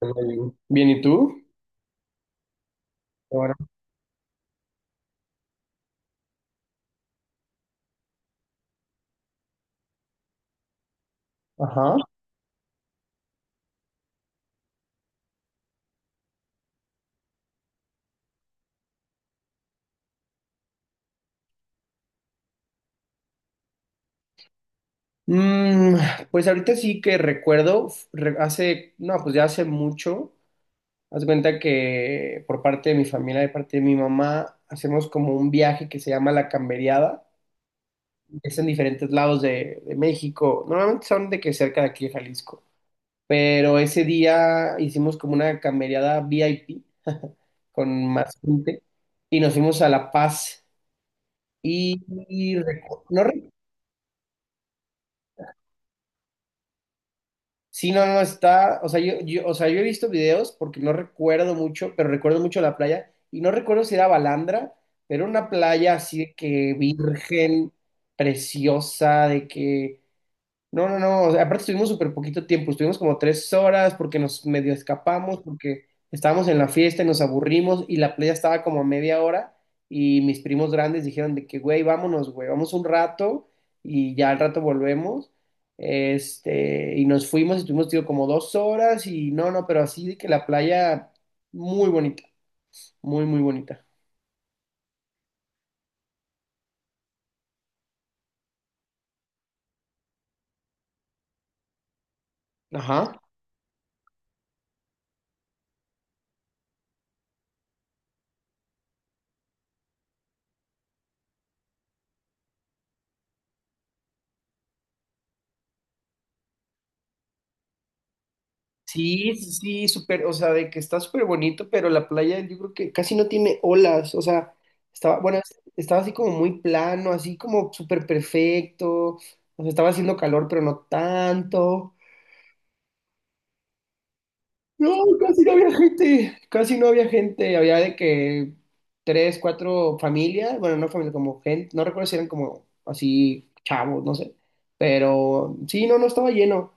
Muy bien, bien, ¿y tú? Ahora, ajá. Mm, pues ahorita sí que recuerdo, hace, no, pues ya hace mucho, haz de cuenta que por parte de mi familia, de parte de mi mamá, hacemos como un viaje que se llama La Camberiada, es en diferentes lados de México, normalmente son de que cerca de aquí de Jalisco, pero ese día hicimos como una camberiada VIP con más gente y nos fuimos a La Paz y, y no. Sí, no, no está, o sea, o sea, yo he visto videos porque no recuerdo mucho, pero recuerdo mucho la playa y no recuerdo si era Balandra, pero una playa así de que virgen, preciosa, de que no, no, no, o sea, aparte estuvimos súper poquito tiempo, estuvimos como tres horas porque nos medio escapamos, porque estábamos en la fiesta y nos aburrimos y la playa estaba como a media hora y mis primos grandes dijeron de que, güey, vámonos, güey, vamos un rato y ya al rato volvemos. Este, y nos fuimos, estuvimos, tío, como dos horas y no, no, pero así de que la playa muy bonita, muy, muy bonita. Ajá. Sí, sí, sí, súper, o sea, de que está súper bonito, pero la playa yo creo que casi no tiene olas, o sea, estaba, bueno, estaba así como muy plano, así como súper perfecto, o sea, estaba haciendo calor, pero no tanto, no, casi no había gente, casi no había gente, había de que tres, cuatro familias, bueno, no familias, como gente, no recuerdo si eran como así chavos, no sé, pero sí, no, no estaba lleno.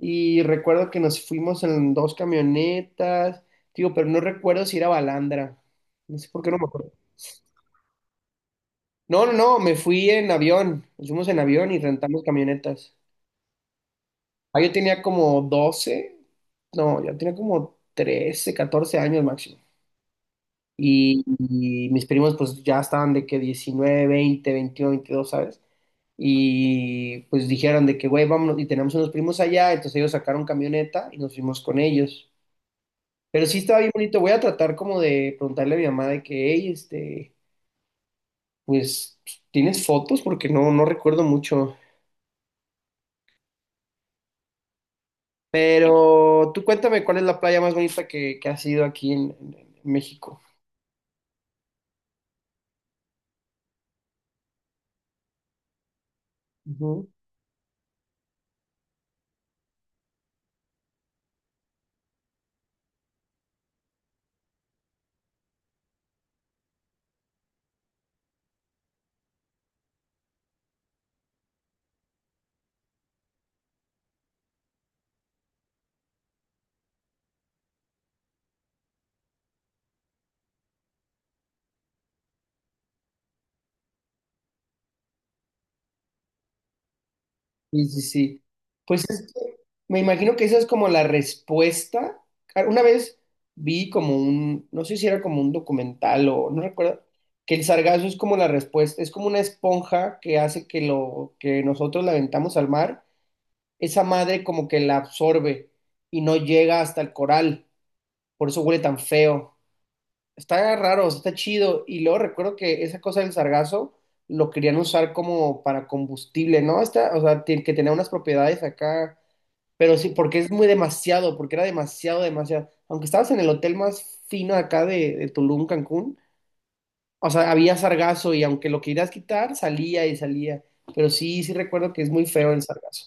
Y recuerdo que nos fuimos en dos camionetas, digo, pero no recuerdo si era Balandra, no sé por qué no me acuerdo. No, no, no, me fui en avión, nos fuimos en avión y rentamos camionetas. Ah, yo tenía como 12, no, yo tenía como 13, 14 años máximo. Y mis primos pues ya estaban de que 19 20 21 22, ¿sabes? Y pues dijeron de que, güey, vámonos, y tenemos unos primos allá, entonces ellos sacaron camioneta y nos fuimos con ellos. Pero sí estaba bien bonito, voy a tratar como de preguntarle a mi mamá de que, hey, este, pues, ¿tienes fotos? Porque no, no recuerdo mucho. Pero tú cuéntame cuál es la playa más bonita que has ido aquí en México. Ujú. Sí, sí, sí. Pues es que me imagino que esa es como la respuesta. Ah, una vez vi como un, no sé si era como un documental o no recuerdo, que el sargazo es como la respuesta, es como una esponja que hace que lo que nosotros la aventamos al mar, esa madre como que la absorbe y no llega hasta el coral, por eso huele tan feo. Está raro, está chido. Y luego recuerdo que esa cosa del sargazo lo querían usar como para combustible, ¿no? Está, o sea, que tenía unas propiedades acá, pero sí, porque es muy demasiado, porque era demasiado, demasiado. Aunque estabas en el hotel más fino acá de Tulum, Cancún, o sea, había sargazo y aunque lo querías quitar, salía y salía. Pero sí, sí recuerdo que es muy feo el sargazo.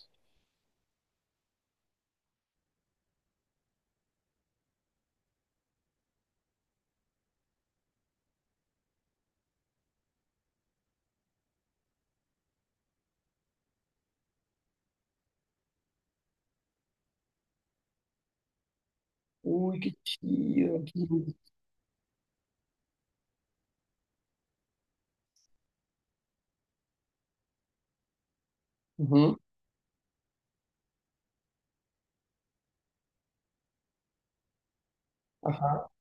Uy, qué chido. Ujú. Ajá.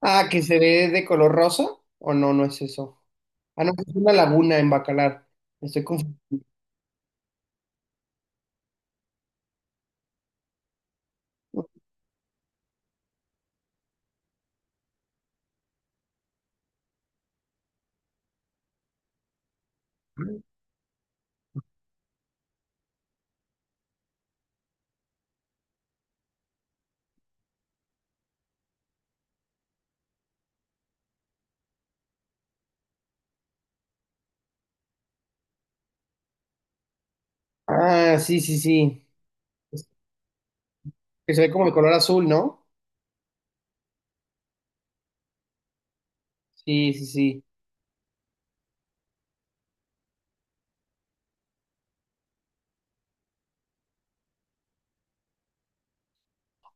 Ah, que se ve de color rosa, o no, no es eso. Ah, no, es una laguna en Bacalar. Estoy confundido. Ah, sí, sí, sí. Es que se ve como de color azul, ¿no? Sí, sí, sí.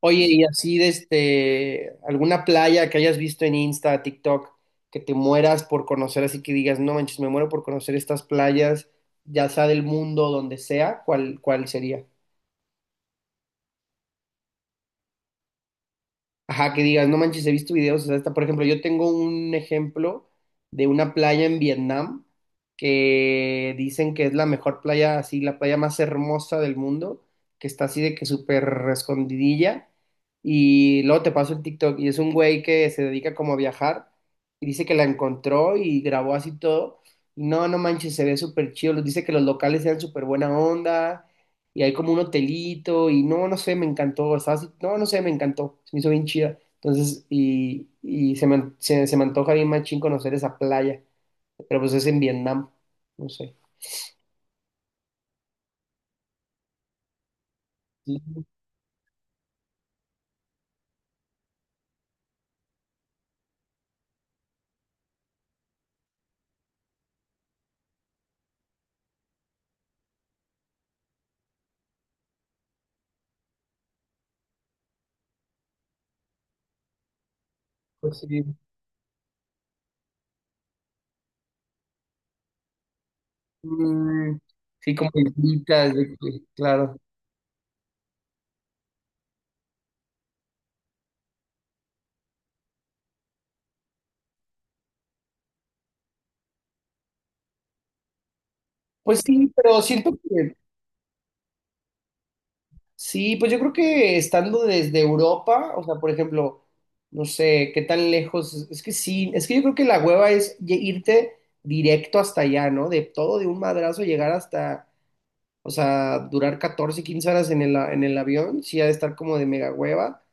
Oye, y así de este, alguna playa que hayas visto en Insta, TikTok, que te mueras por conocer, así que digas, no manches, me muero por conocer estas playas, ya sea del mundo, donde sea, ¿cuál, cuál sería? Ajá, que digas, no manches, he visto videos, o sea, hasta, por ejemplo, yo tengo un ejemplo de una playa en Vietnam que dicen que es la mejor playa, así, la playa más hermosa del mundo, que está así de que súper escondidilla, y luego te paso el TikTok, y es un güey que se dedica como a viajar, y dice que la encontró y grabó así todo, y no, no manches, se ve súper chido, dice que los locales sean súper buena onda, y hay como un hotelito y no, no sé, me encantó, estaba así, no, no sé, me encantó, se me hizo bien chida. Entonces, y se me antoja bien machín conocer esa playa, pero pues es en Vietnam, no sé. Sí, pues sí. Mm, sí, como islitas, de que, claro. Pues sí, pero siento que sí, pues yo creo que estando desde Europa, o sea, por ejemplo, no sé, qué tan lejos, es que sí, es que yo creo que la hueva es irte directo hasta allá, ¿no? De todo de un madrazo llegar hasta, o sea, durar 14, 15 horas en el, en el avión, sí ha de estar como de mega hueva,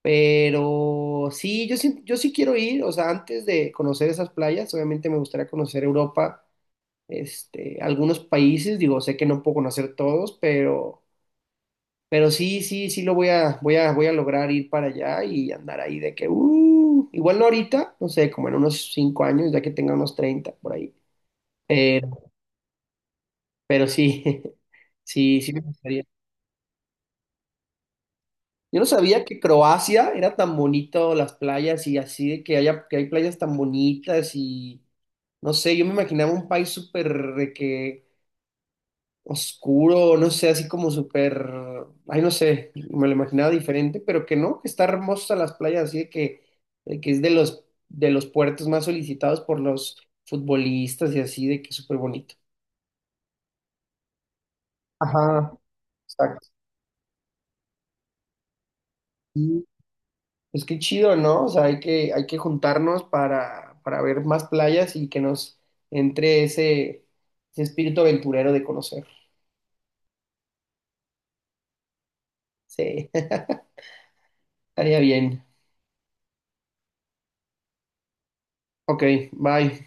pero sí, yo sí quiero ir, o sea, antes de conocer esas playas, obviamente me gustaría conocer Europa, este, algunos países, digo, sé que no puedo conocer todos, pero... Pero sí, sí, sí lo voy a lograr ir para allá y andar ahí de que, igual no ahorita, no sé, como en unos 5 años, ya que tenga unos 30 por ahí. Pero, pero sí, sí, sí me gustaría. Yo no sabía que Croacia era tan bonito, las playas y así, de que haya, que hay playas tan bonitas y, no sé, yo me imaginaba un país súper de que oscuro, no sé, así como súper, ay, no sé, me lo imaginaba diferente, pero que no, que está hermosa las playas, así de que es de de los puertos más solicitados por los futbolistas y así, de que es súper bonito. Ajá, exacto. Y, pues qué chido, ¿no? O sea, hay que juntarnos para ver más playas y que nos entre ese, ese espíritu aventurero de conocer. Sí, estaría bien. Ok, bye.